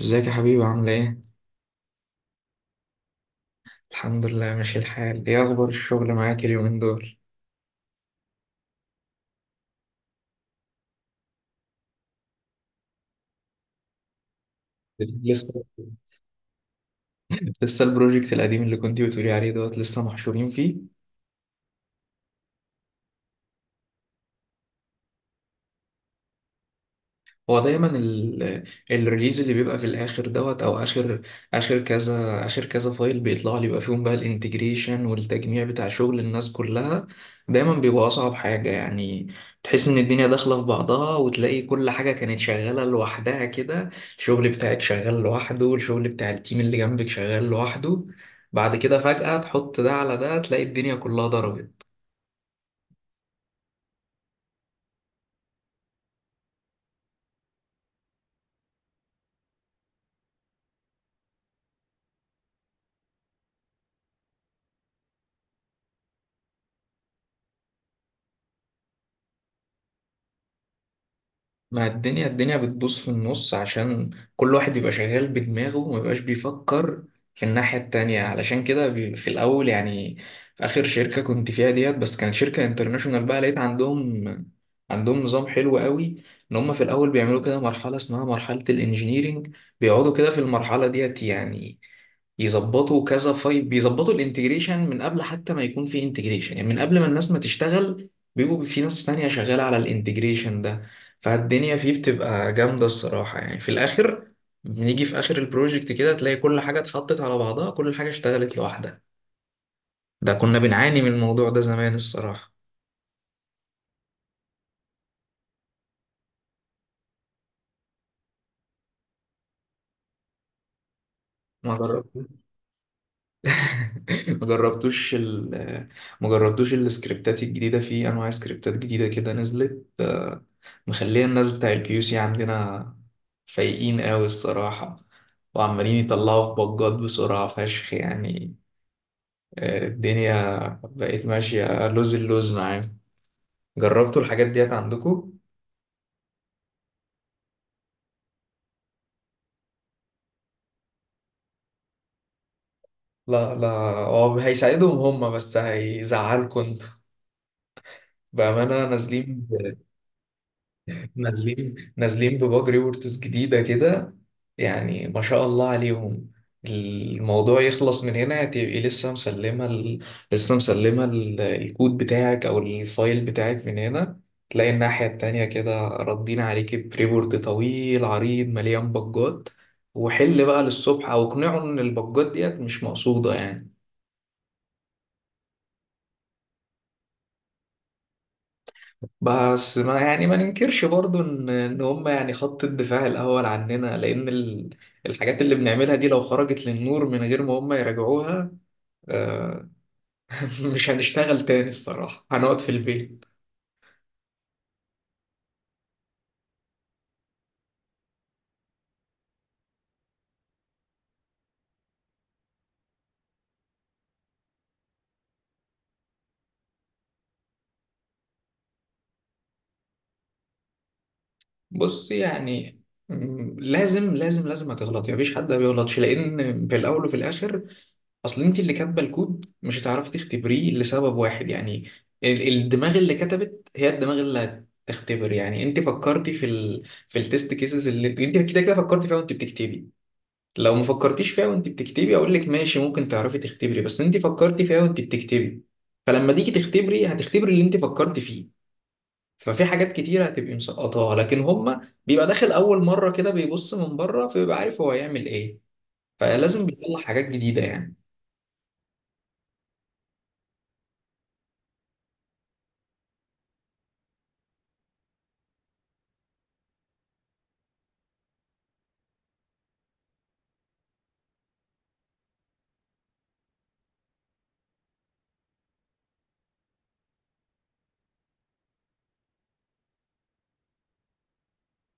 ازيك يا حبيبي، عاملة ايه؟ الحمد لله ماشي الحال، ايه أخبار الشغل معاك اليومين دول؟ لسه لسه البروجكت القديم اللي كنتي بتقولي عليه دوت لسه محشورين فيه؟ هو دايما الريليز اللي بيبقى في الاخر دوت، او اخر، اخر كذا فايل بيطلع لي بيبقى فيهم بقى الانتجريشن والتجميع بتاع شغل الناس كلها، دايما بيبقى اصعب حاجة يعني. تحس ان الدنيا داخلة في بعضها وتلاقي كل حاجة كانت شغالة لوحدها كده، الشغل بتاعك شغال لوحده، الشغل بتاع التيم اللي جنبك شغال لوحده، بعد كده فجأة تحط ده على ده تلاقي الدنيا كلها ضربت. ما الدنيا بتبوظ في النص عشان كل واحد يبقى شغال بدماغه وما يبقاش بيفكر في الناحية التانية، علشان كده في الأول يعني، في آخر شركة كنت فيها ديت، بس كانت شركة انترناشونال بقى لقيت عندهم نظام حلو قوي. إن هم في الأول بيعملوا كده مرحلة اسمها مرحلة الإنجينيرينج، بيقعدوا كده في المرحلة ديت يعني يظبطوا كذا فايل، بيظبطوا الانتجريشن من قبل حتى ما يكون في انتجريشن، يعني من قبل ما الناس ما تشتغل بيبقوا في ناس تانية شغالة على الانتجريشن ده. فالدنيا فيه بتبقى جامدة الصراحة، يعني في الآخر بنيجي في آخر البروجكت كده تلاقي كل حاجة اتحطت على بعضها، كل حاجة اشتغلت لوحدها. ده كنا بنعاني من الموضوع ده زمان الصراحة. ما جربتوش، ما جربتوش ما جربتوش السكريبتات الجديدة؟ في أنواع سكريبتات جديدة كده نزلت، مخليه الناس بتاع الكيو سي عندنا فايقين قوي الصراحة، وعمالين يطلعوا في بجات بسرعة فشخ يعني. الدنيا بقت ماشية لوز اللوز معاهم. جربتوا الحاجات ديت عندكم؟ لا لا، هو هيساعدهم هم بس هيزعلكم انت. بأمانة نازلين، نازلين نازلين بباج ريبورتس جديدة كده، يعني ما شاء الله عليهم. الموضوع يخلص من هنا تبقي لسه مسلمة لسه مسلمة الكود بتاعك أو الفايل بتاعك من هنا، تلاقي الناحية التانية كده ردين عليكي بريبورت طويل عريض مليان بجات، وحل بقى للصبح أو اقنعه إن البجات ديت مش مقصودة يعني. بس ما يعني ما ننكرش برضو ان هم يعني خط الدفاع الاول عننا، لان الحاجات اللي بنعملها دي لو خرجت للنور من غير ما هم يراجعوها، آه، مش هنشتغل تاني الصراحة، هنقعد في البيت. بص يعني، لازم لازم هتغلط يعني، مفيش حد ما بيغلطش، لان في الاول وفي الاخر اصل انت اللي كاتبه الكود مش هتعرفي تختبريه لسبب واحد يعني، الدماغ اللي كتبت هي الدماغ اللي هتختبر. يعني انت فكرتي في في التست كيسز اللي انت كده كده فكرتي فيها وانت بتكتبي، لو ما فكرتيش فيها وانت بتكتبي اقول لك ماشي، ممكن تعرفي تختبري، بس انت فكرتي فيها وانت بتكتبي، فلما تيجي تختبري هتختبري اللي انت فكرتي فيه. ففي حاجات كتيرة هتبقي مسقطاها، لكن هما بيبقى داخل أول مرة كده بيبص من بره فبيبقى عارف هو هيعمل إيه، فلازم بيطلع حاجات جديدة يعني.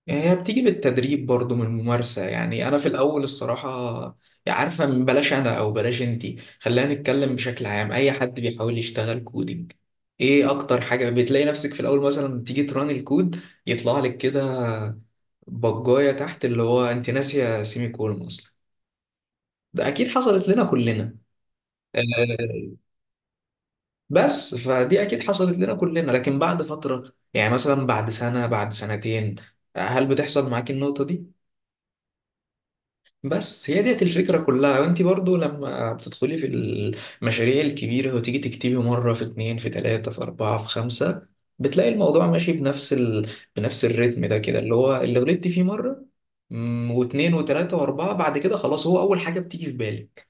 يعني هي بتيجي بالتدريب برضو من الممارسة. يعني أنا في الأول الصراحة، يعني عارفة، من بلاش أنا أو بلاش أنتي، خلينا نتكلم بشكل عام، أي حد بيحاول يشتغل كودينج، إيه أكتر حاجة بتلاقي نفسك في الأول؟ مثلا تيجي تران الكود يطلع لك كده بجاية تحت اللي هو أنت ناسية سيمي كولون أصلا. ده أكيد حصلت لنا كلنا. آه، بس فدي أكيد حصلت لنا كلنا، لكن بعد فترة يعني مثلا بعد سنة بعد سنتين، هل بتحصل معاك النقطة دي؟ بس هي ديت الفكرة كلها. وانت برضو لما بتدخلي في المشاريع الكبيرة وتيجي تكتبي مرة، في اتنين في تلاتة في أربعة في خمسة بتلاقي الموضوع ماشي بنفس بنفس الريتم ده كده، اللي هو اللي غلطتي فيه مرة واتنين وتلاتة وأربعة، بعد كده خلاص هو أول حاجة بتيجي في بالك.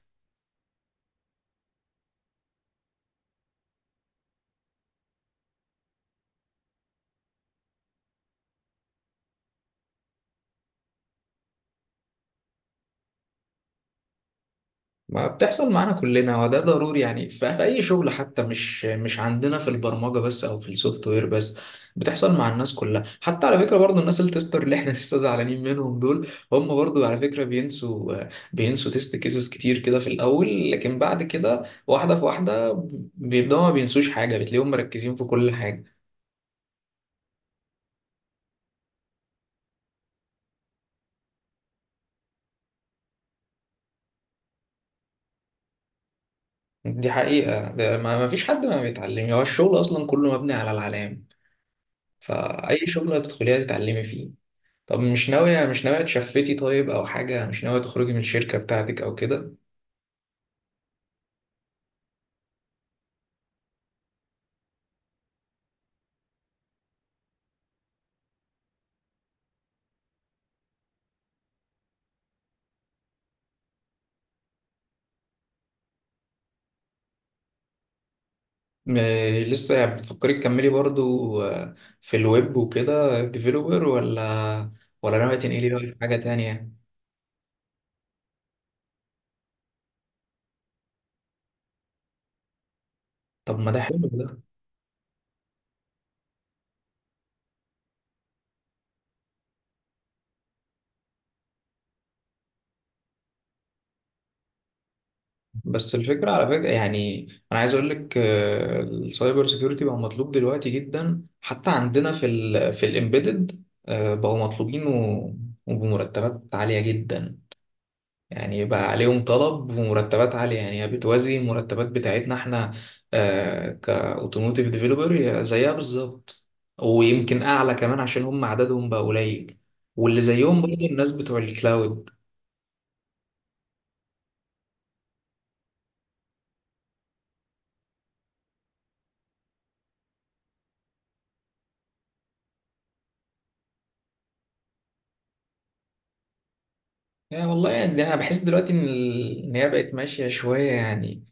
ما بتحصل معانا كلنا، وده ضروري يعني في في اي شغل، حتى مش عندنا في البرمجه بس او في السوفت وير بس، بتحصل مع الناس كلها. حتى على فكره برضو الناس التستر اللي احنا لسه زعلانين منهم دول، هم برضو على فكره بينسوا، بينسوا تيست كيسز كتير كده في الاول، لكن بعد كده واحده في واحده بيبداوا ما بينسوش حاجه، بتلاقيهم مركزين في كل حاجه. دي حقيقه، ده ما فيش حد ما بيتعلم، هو الشغل اصلا كله مبني على العلام، فاي شغل هتدخليها تتعلمي فيه. طب مش ناوية، مش ناوية تشفتي طيب أو حاجة، مش ناوية تخرجي من الشركة بتاعتك أو كده؟ م- لسه بتفكري تكملي برضو؟ في الويب وكده ديفيلوبر، ولا ولا ناوية تنقلي بقى في حاجة تانية؟ طب ما ده حلو ده. بس الفكرة على فكرة، يعني أنا عايز أقول لك، السايبر سيكيورتي بقى مطلوب دلوقتي جدا، حتى عندنا في ال في الإمبيدد بقوا مطلوبين وبمرتبات عالية جدا، يعني بقى عليهم طلب ومرتبات عالية. يعني هي بتوازي المرتبات بتاعتنا احنا، آه كاوتوموتيف ديفيلوبر زيها بالظبط، ويمكن أعلى كمان عشان هم عددهم بقى قليل. واللي زيهم برضه الناس بتوع الكلاود. يعني والله يعني أنا بحس دلوقتي إن إن هي بقت ماشية شوية يعني،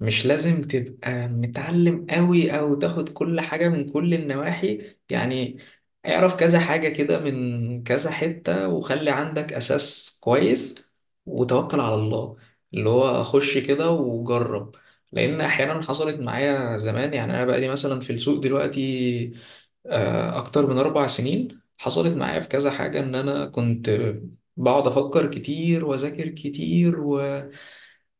مش لازم تبقى متعلم قوي او تاخد كل حاجة من كل النواحي يعني. اعرف كذا حاجة كده من كذا حتة، وخلي عندك اساس كويس، وتوكل على الله، اللي هو خش كده وجرب. لان احيانا حصلت معايا زمان، يعني انا بقالي مثلا في السوق دلوقتي اكتر من اربع سنين، حصلت معايا في كذا حاجة ان انا كنت بقعد افكر كتير واذاكر كتير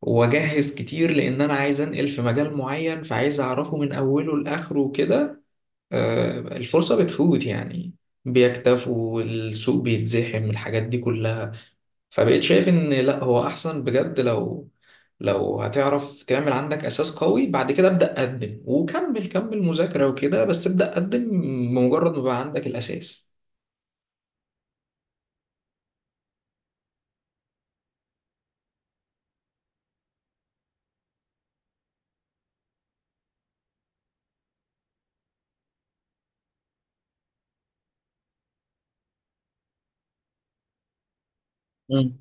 واجهز كتير، لان انا عايز انقل في مجال معين فعايز اعرفه من اوله لاخره كده، الفرصه بتفوت يعني، بيكتفوا السوق، بيتزحم، الحاجات دي كلها. فبقيت شايف ان لا، هو احسن بجد لو لو هتعرف تعمل عندك اساس قوي، بعد كده ابدا قدم وكمل، كمل مذاكره وكده، بس ابدا قدم بمجرد ما بقى عندك الاساس. مم.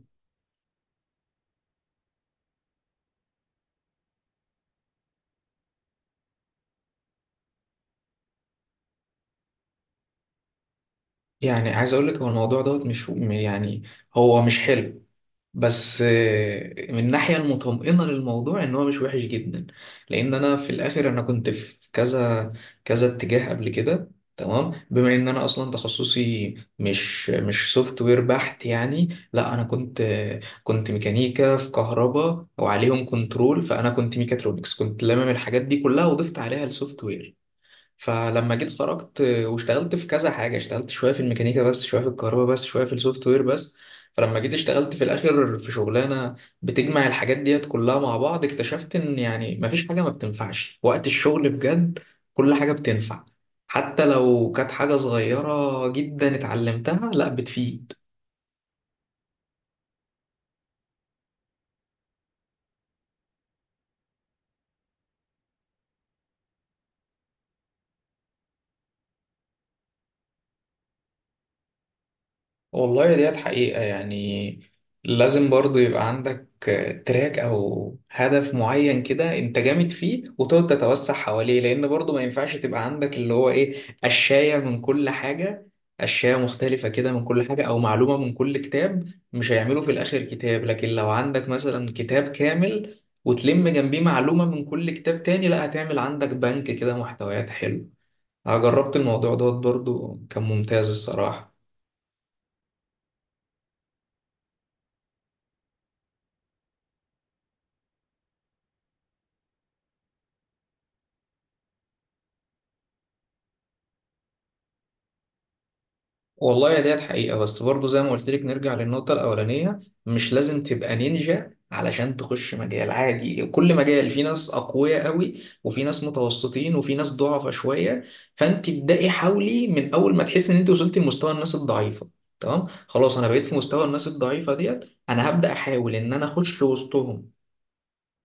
يعني عايز اقول لك، هو الموضوع دوت مش يعني، هو مش حلو، بس من الناحية المطمئنة للموضوع إن هو مش وحش جدا، لأن أنا في الآخر أنا كنت في كذا، كذا اتجاه قبل كده. تمام، بما إن أنا أصلا تخصصي مش سوفت وير بحت يعني، لا أنا كنت كنت ميكانيكا في كهرباء وعليهم كنترول، فأنا كنت ميكاترونكس، كنت لامم الحاجات دي كلها وضفت عليها السوفت وير. فلما جيت خرجت واشتغلت في كذا حاجة، اشتغلت شوية في الميكانيكا بس، شوية في الكهرباء بس، شوية في السوفت وير بس، فلما جيت اشتغلت في الآخر في شغلانة بتجمع الحاجات ديت كلها مع بعض، اكتشفت إن يعني مفيش حاجة ما بتنفعش وقت الشغل بجد، كل حاجة بتنفع، حتى لو كانت حاجة صغيرة جدا اتعلمتها لا بتفيد. والله ديت حقيقة، يعني لازم برضو يبقى عندك تراك أو هدف معين كده أنت جامد فيه وتقعد تتوسع حواليه، لأن برضو ما ينفعش تبقى عندك اللي هو إيه، قشاية من كل حاجة، قشاية مختلفة كده من كل حاجة، أو معلومة من كل كتاب مش هيعملوا في الآخر كتاب. لكن لو عندك مثلا كتاب كامل وتلم جنبيه معلومة من كل كتاب تاني، لا هتعمل عندك بنك كده محتويات حلو. أنا جربت الموضوع دوت برضو، كان ممتاز الصراحة. والله يا ديت حقيقة، بس برضو زي ما قلت لك نرجع للنقطة الأولانية، مش لازم تبقى نينجا علشان تخش مجال عادي. كل مجال في ناس أقوياء قوي، وفي ناس متوسطين، وفي ناس ضعفة شوية، فأنت ابدأي حاولي من أول ما تحس إن أنت وصلتي لمستوى الناس الضعيفة. تمام خلاص، أنا بقيت في مستوى الناس الضعيفة ديت، أنا هبدأ أحاول إن أنا أخش وسطهم،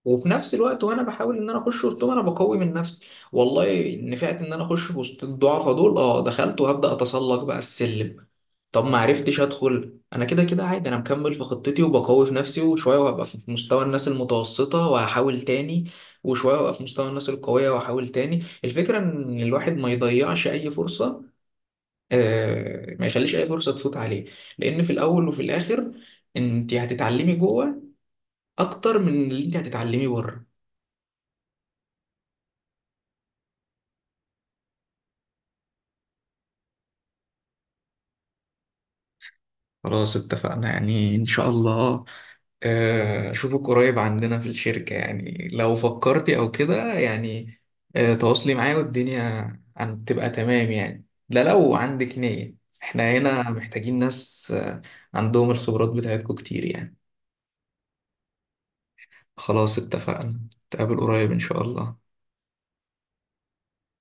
وفي نفس الوقت وانا بحاول ان انا اخش وسطهم انا بقوي من نفسي. والله نفعت ان انا اخش وسط الضعفاء دول، اه دخلت وهبدا اتسلق بقى السلم. طب ما عرفتش ادخل، انا كده كده عادي، انا مكمل في خطتي وبقوي في نفسي، وشويه وهبقى في مستوى الناس المتوسطه وهحاول تاني، وشويه وهبقى في مستوى الناس القويه وهحاول تاني. الفكره ان الواحد ما يضيعش اي فرصه، ما يخليش اي فرصه تفوت عليه، لان في الاول وفي الاخر انت هتتعلمي جوه اكتر من اللي انت هتتعلمي بره. خلاص اتفقنا يعني، ان شاء الله أشوفك قريب عندنا في الشركة، يعني لو فكرتي أو كده يعني تواصلي معايا والدنيا هتبقى تمام يعني. ده لو عندك نية، احنا هنا محتاجين ناس عندهم الخبرات بتاعتكم كتير يعني. خلاص اتفقنا، نتقابل قريب إن شاء الله.